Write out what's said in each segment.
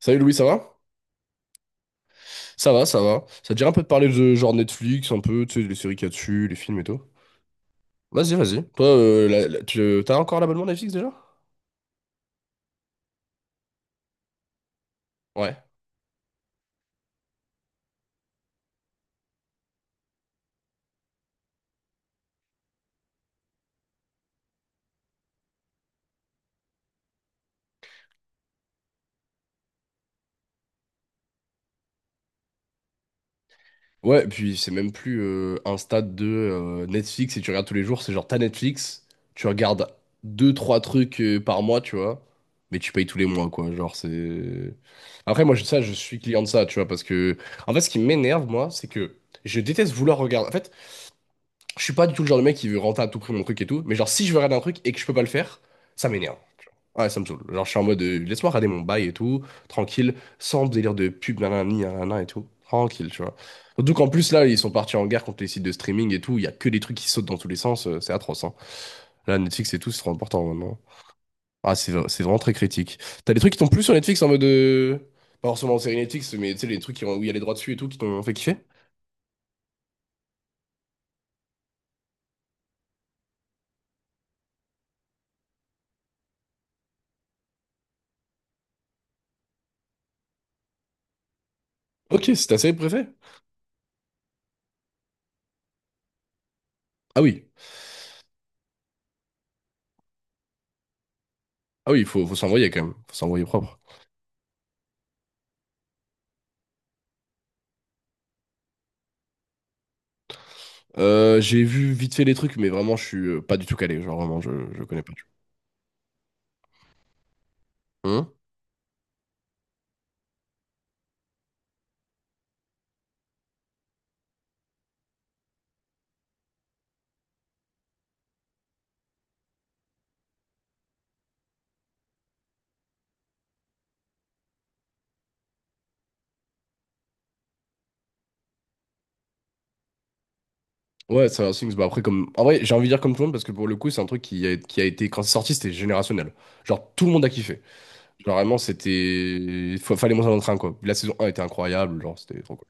Salut Louis, ça va? Ça va, ça va. Ça te dirait un peu de parler de genre Netflix, un peu, tu sais, les séries qu'il y a dessus, les films et tout. Vas-y, vas-y. Toi, t'as encore l'abonnement Netflix déjà? Ouais. Ouais, puis c'est même plus un stade de Netflix et tu regardes tous les jours, c'est genre t'as Netflix, tu regardes deux, trois trucs par mois, tu vois, mais tu payes tous les mois, quoi. Genre, c'est. Après, moi, je, ça, je suis client de ça, tu vois, parce que. En fait, ce qui m'énerve, moi, c'est que je déteste vouloir regarder. En fait. Je suis pas du tout le genre de mec qui veut rentrer à tout prix mon truc et tout, mais genre si je veux regarder un truc et que je peux pas le faire, ça m'énerve. Tu Ouais, ça me saoule. Genre je suis en mode laisse-moi regarder mon bail et tout, tranquille, sans délire de pub, nanani, nanana et tout. Tranquille, tu vois. Surtout qu'en plus là, ils sont partis en guerre contre les sites de streaming et tout, il y a que des trucs qui sautent dans tous les sens, c'est atroce, hein. Là, Netflix et tout, c'est trop important maintenant. Ah, c'est vraiment très critique. T'as des trucs qui t'ont plu sur Netflix en mode. Pas forcément en série Netflix, mais tu sais, les trucs qui ont- où il y a les droits dessus et tout qui t'ont fait kiffer? Ok, c'est ta série préférée? Ah oui. Ah oui, il faut, faut s'envoyer quand même. Faut s'envoyer propre. J'ai vu vite fait les trucs, mais vraiment, je suis pas du tout calé. Genre, vraiment, je connais pas du tout. Hein. Ouais, c'est un Things. Bah, après, comme... En vrai, j'ai envie de dire comme tout le monde, parce que pour le coup, c'est un truc qui a été... Quand c'est sorti, c'était générationnel. Genre, tout le monde a kiffé. Genre, vraiment, c'était... Fallait monter dans le train, quoi. La saison 1 était incroyable, genre, c'était trop cool.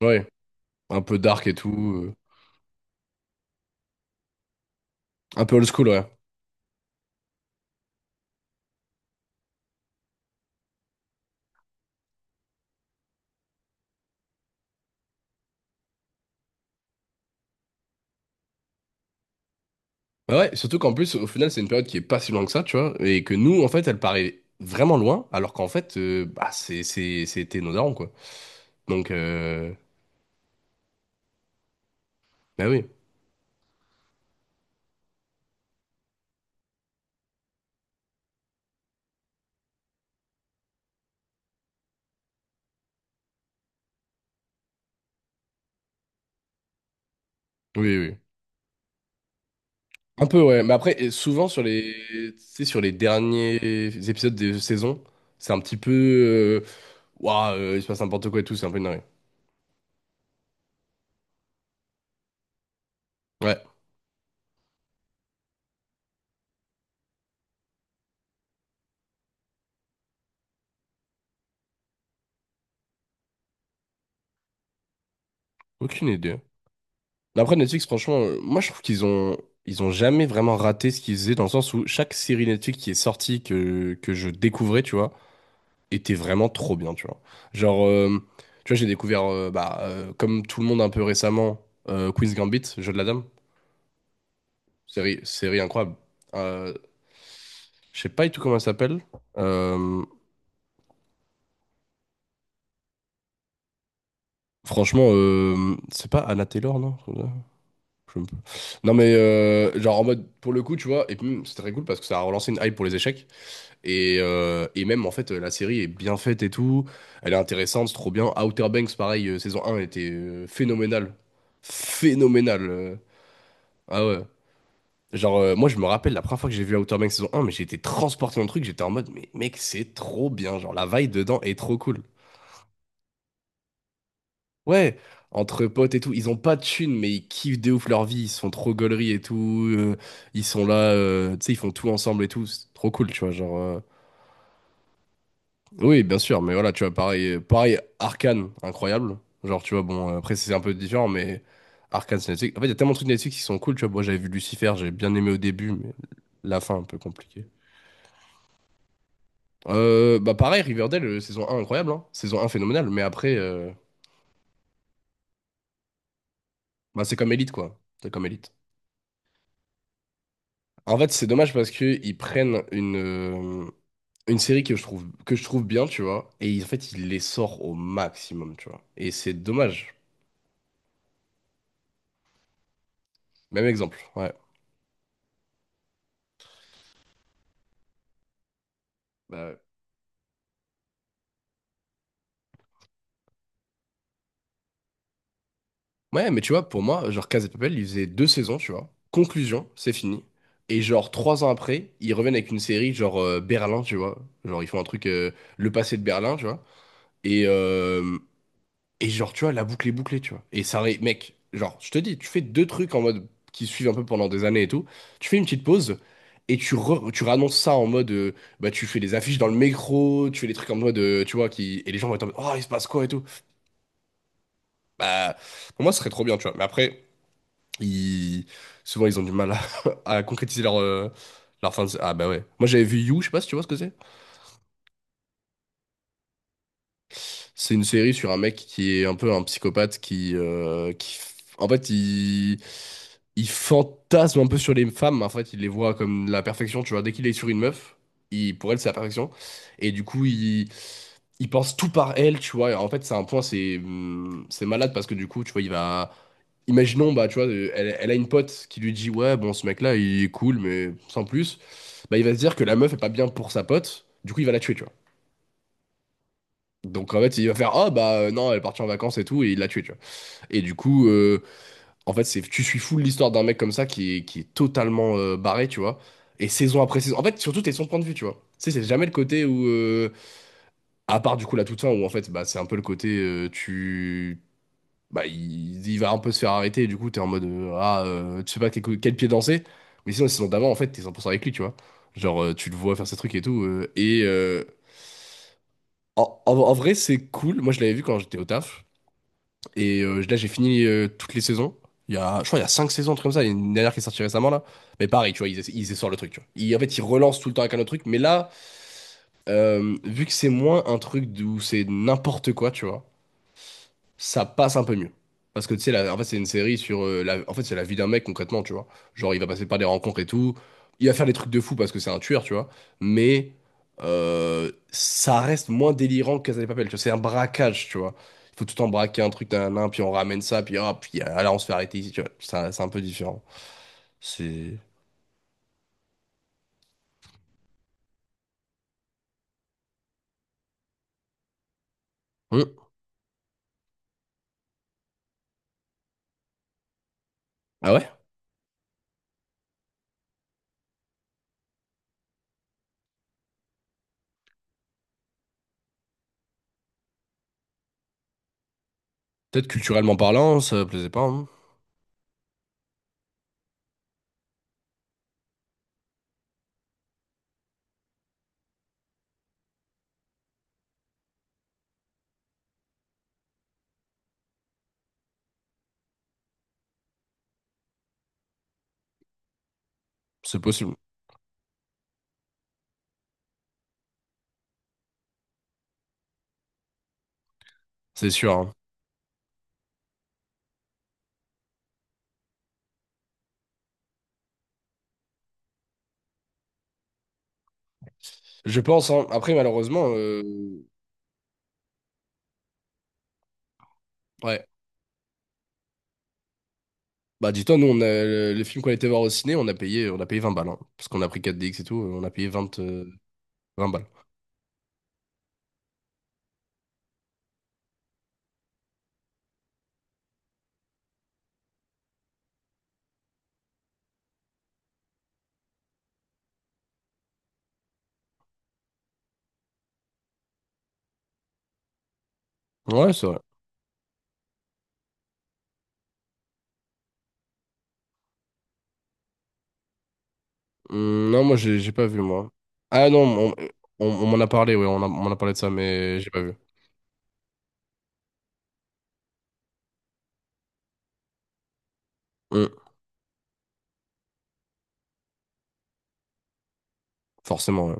Ouais, un peu dark et tout. Un peu old school, ouais. Bah ouais, surtout qu'en plus, au final, c'est une période qui est pas si loin que ça, tu vois. Et que nous, en fait, elle paraît vraiment loin, alors qu'en fait, bah, c'est, c'était nos darons, quoi. Donc, euh... Bah oui. Oui, oui. Un peu, ouais. Mais après, et souvent sur tu sais, sur les derniers épisodes des saisons, c'est un petit peu. Ouah, il se passe n'importe quoi et tout, c'est un peu une dinguerie. Ouais, aucune idée. Mais après, Netflix, franchement, moi je trouve qu'ils ont. Ils ont jamais vraiment raté ce qu'ils faisaient dans le sens où chaque série Netflix qui est sortie que je découvrais, tu vois, était vraiment trop bien, tu vois. Genre, tu vois, j'ai découvert, comme tout le monde un peu récemment, Queen's Gambit, Jeu de la Dame. Série, série incroyable. Euh, je sais pas du tout comment elle s'appelle. Euh, Franchement, c'est pas Anna Taylor, non? Je sais pas. Non mais genre en mode pour le coup tu vois et puis même, c'est très cool parce que ça a relancé une hype pour les échecs et même en fait la série est bien faite et tout, elle est intéressante, c'est trop bien. Outer Banks pareil, saison 1 était phénoménale, phénoménale. Ah ouais. Genre, moi, je me rappelle la première fois que j'ai vu Outer Banks saison 1, mais j'ai été transporté dans le truc. J'étais en mode, mais mec, c'est trop bien. Genre, la vibe dedans est trop cool. Ouais, entre potes et tout, ils ont pas de thunes, mais ils kiffent de ouf leur vie. Ils sont trop gauleries et tout. euh, Ils sont là, tu sais, ils font tout ensemble et tout. C'est trop cool, tu vois. Genre, oui, bien sûr, mais voilà, tu vois, pareil, Arcane, incroyable. Genre, tu vois, bon, après, c'est un peu différent, mais Arcane, c'est Netflix. En fait, il y a tellement de trucs Netflix qui sont cool, tu vois. Moi, j'avais vu Lucifer, j'ai bien aimé au début, mais la fin, un peu compliquée. Bah pareil, Riverdale, saison 1 incroyable, hein. Saison 1 phénoménale, mais après, bah, c'est comme Elite, quoi. C'est comme Elite. En fait, c'est dommage parce que ils prennent euh, une série que je trouve bien, tu vois, et ils en fait, ils les sortent au maximum, tu vois. Et c'est dommage. Même exemple, ouais. Bah, ouais. Ouais, mais tu vois, pour moi, genre Casa de Papel, ils faisaient 2 saisons, tu vois. Conclusion, c'est fini. Et genre, 3 ans après, ils reviennent avec une série genre Berlin, tu vois. Genre, ils font un truc, le passé de Berlin, tu vois. Et, et genre, tu vois, la boucle est bouclée, tu vois. Et ça aurait, mec, genre, je te dis, tu fais deux trucs en mode qui suivent un peu pendant des années et tout. Tu fais une petite pause et tu réannonces ça en mode, bah, tu fais des affiches dans le métro, tu fais des trucs en mode, tu vois, qui, et les gens vont être en mode, oh, il se passe quoi et tout. Bah, pour moi, ce serait trop bien, tu vois. Mais après, ils... souvent, ils ont du mal à, à concrétiser leur, leur fin de. Ah, bah ouais. Moi, j'avais vu You, je sais pas si tu vois ce que c'est. C'est une série sur un mec qui est un peu un psychopathe qui en fait, il fantasme un peu sur les femmes. En fait, il les voit comme la perfection. Tu vois, dès qu'il est sur une meuf, il, pour elle, c'est la perfection. Et du coup, il pense tout par elle, tu vois. Et en fait, c'est un point, c'est malade parce que du coup, tu vois, il va. Imaginons, bah, tu vois, elle, elle a une pote qui lui dit, ouais, bon, ce mec-là, il est cool, mais sans plus. Bah, il va se dire que la meuf est pas bien pour sa pote. Du coup, il va la tuer, tu vois. Donc en fait, il va faire ah bah non, elle est partie en vacances et tout et il l'a tué, tu vois. Et du coup en fait, c'est tu suis fou l'histoire d'un mec comme ça qui est totalement barré, tu vois. Et saison après saison, en fait, surtout t'es son point de vue, tu vois. Tu sais, c'est jamais le côté où à part du coup la toute fin où en fait, bah c'est un peu le côté tu bah il va un peu se faire arrêter et du coup t'es en mode tu sais pas quel, quel pied danser. Mais sinon la saison d'avant en fait, t'es 100% avec lui, tu vois. Genre tu le vois faire ses trucs et tout en, en vrai, c'est cool. Moi, je l'avais vu quand j'étais au taf. Et là, j'ai fini toutes les saisons. Il y a, je crois, il y a 5 saisons, un truc comme ça. Il y a une dernière qui est sortie récemment, là. Mais pareil, tu vois, ils, ils essorent le truc, tu vois. En fait, ils relancent tout le temps avec un autre truc. Mais là, vu que c'est moins un truc d'où c'est n'importe quoi, tu vois, ça passe un peu mieux. Parce que tu sais, la- en fait, c'est une série sur. La, en fait, c'est la vie d'un mec concrètement, tu vois. Genre, il va passer par des rencontres et tout. Il va faire des trucs de fou parce que c'est un tueur, tu vois. Mais ça reste moins délirant que Casa de Papel, tu vois. C'est un braquage, tu vois. Il faut tout le temps braquer un truc d'un nain, puis on ramène ça, puis hop, puis ah, là, on se fait arrêter ici, tu vois. Ça- C'est un peu différent. C'est. Hmm. Ah ouais? Peut-être culturellement parlant, ça plaisait pas, hein. C'est possible. C'est sûr, hein. Je pense, hein. Après, malheureusement. Ouais. Bah dis-toi, nous on a le film qu'on était voir au ciné, on a payé 20 balles, hein, parce qu'on a pris 4DX et tout, on a payé 20 20 balles. Ouais, c'est vrai. Non, moi j'ai pas vu moi. Ah non, on, on m'en a parlé, ouais, on m'en a parlé de ça, mais j'ai pas vu. Hum, forcément, ouais.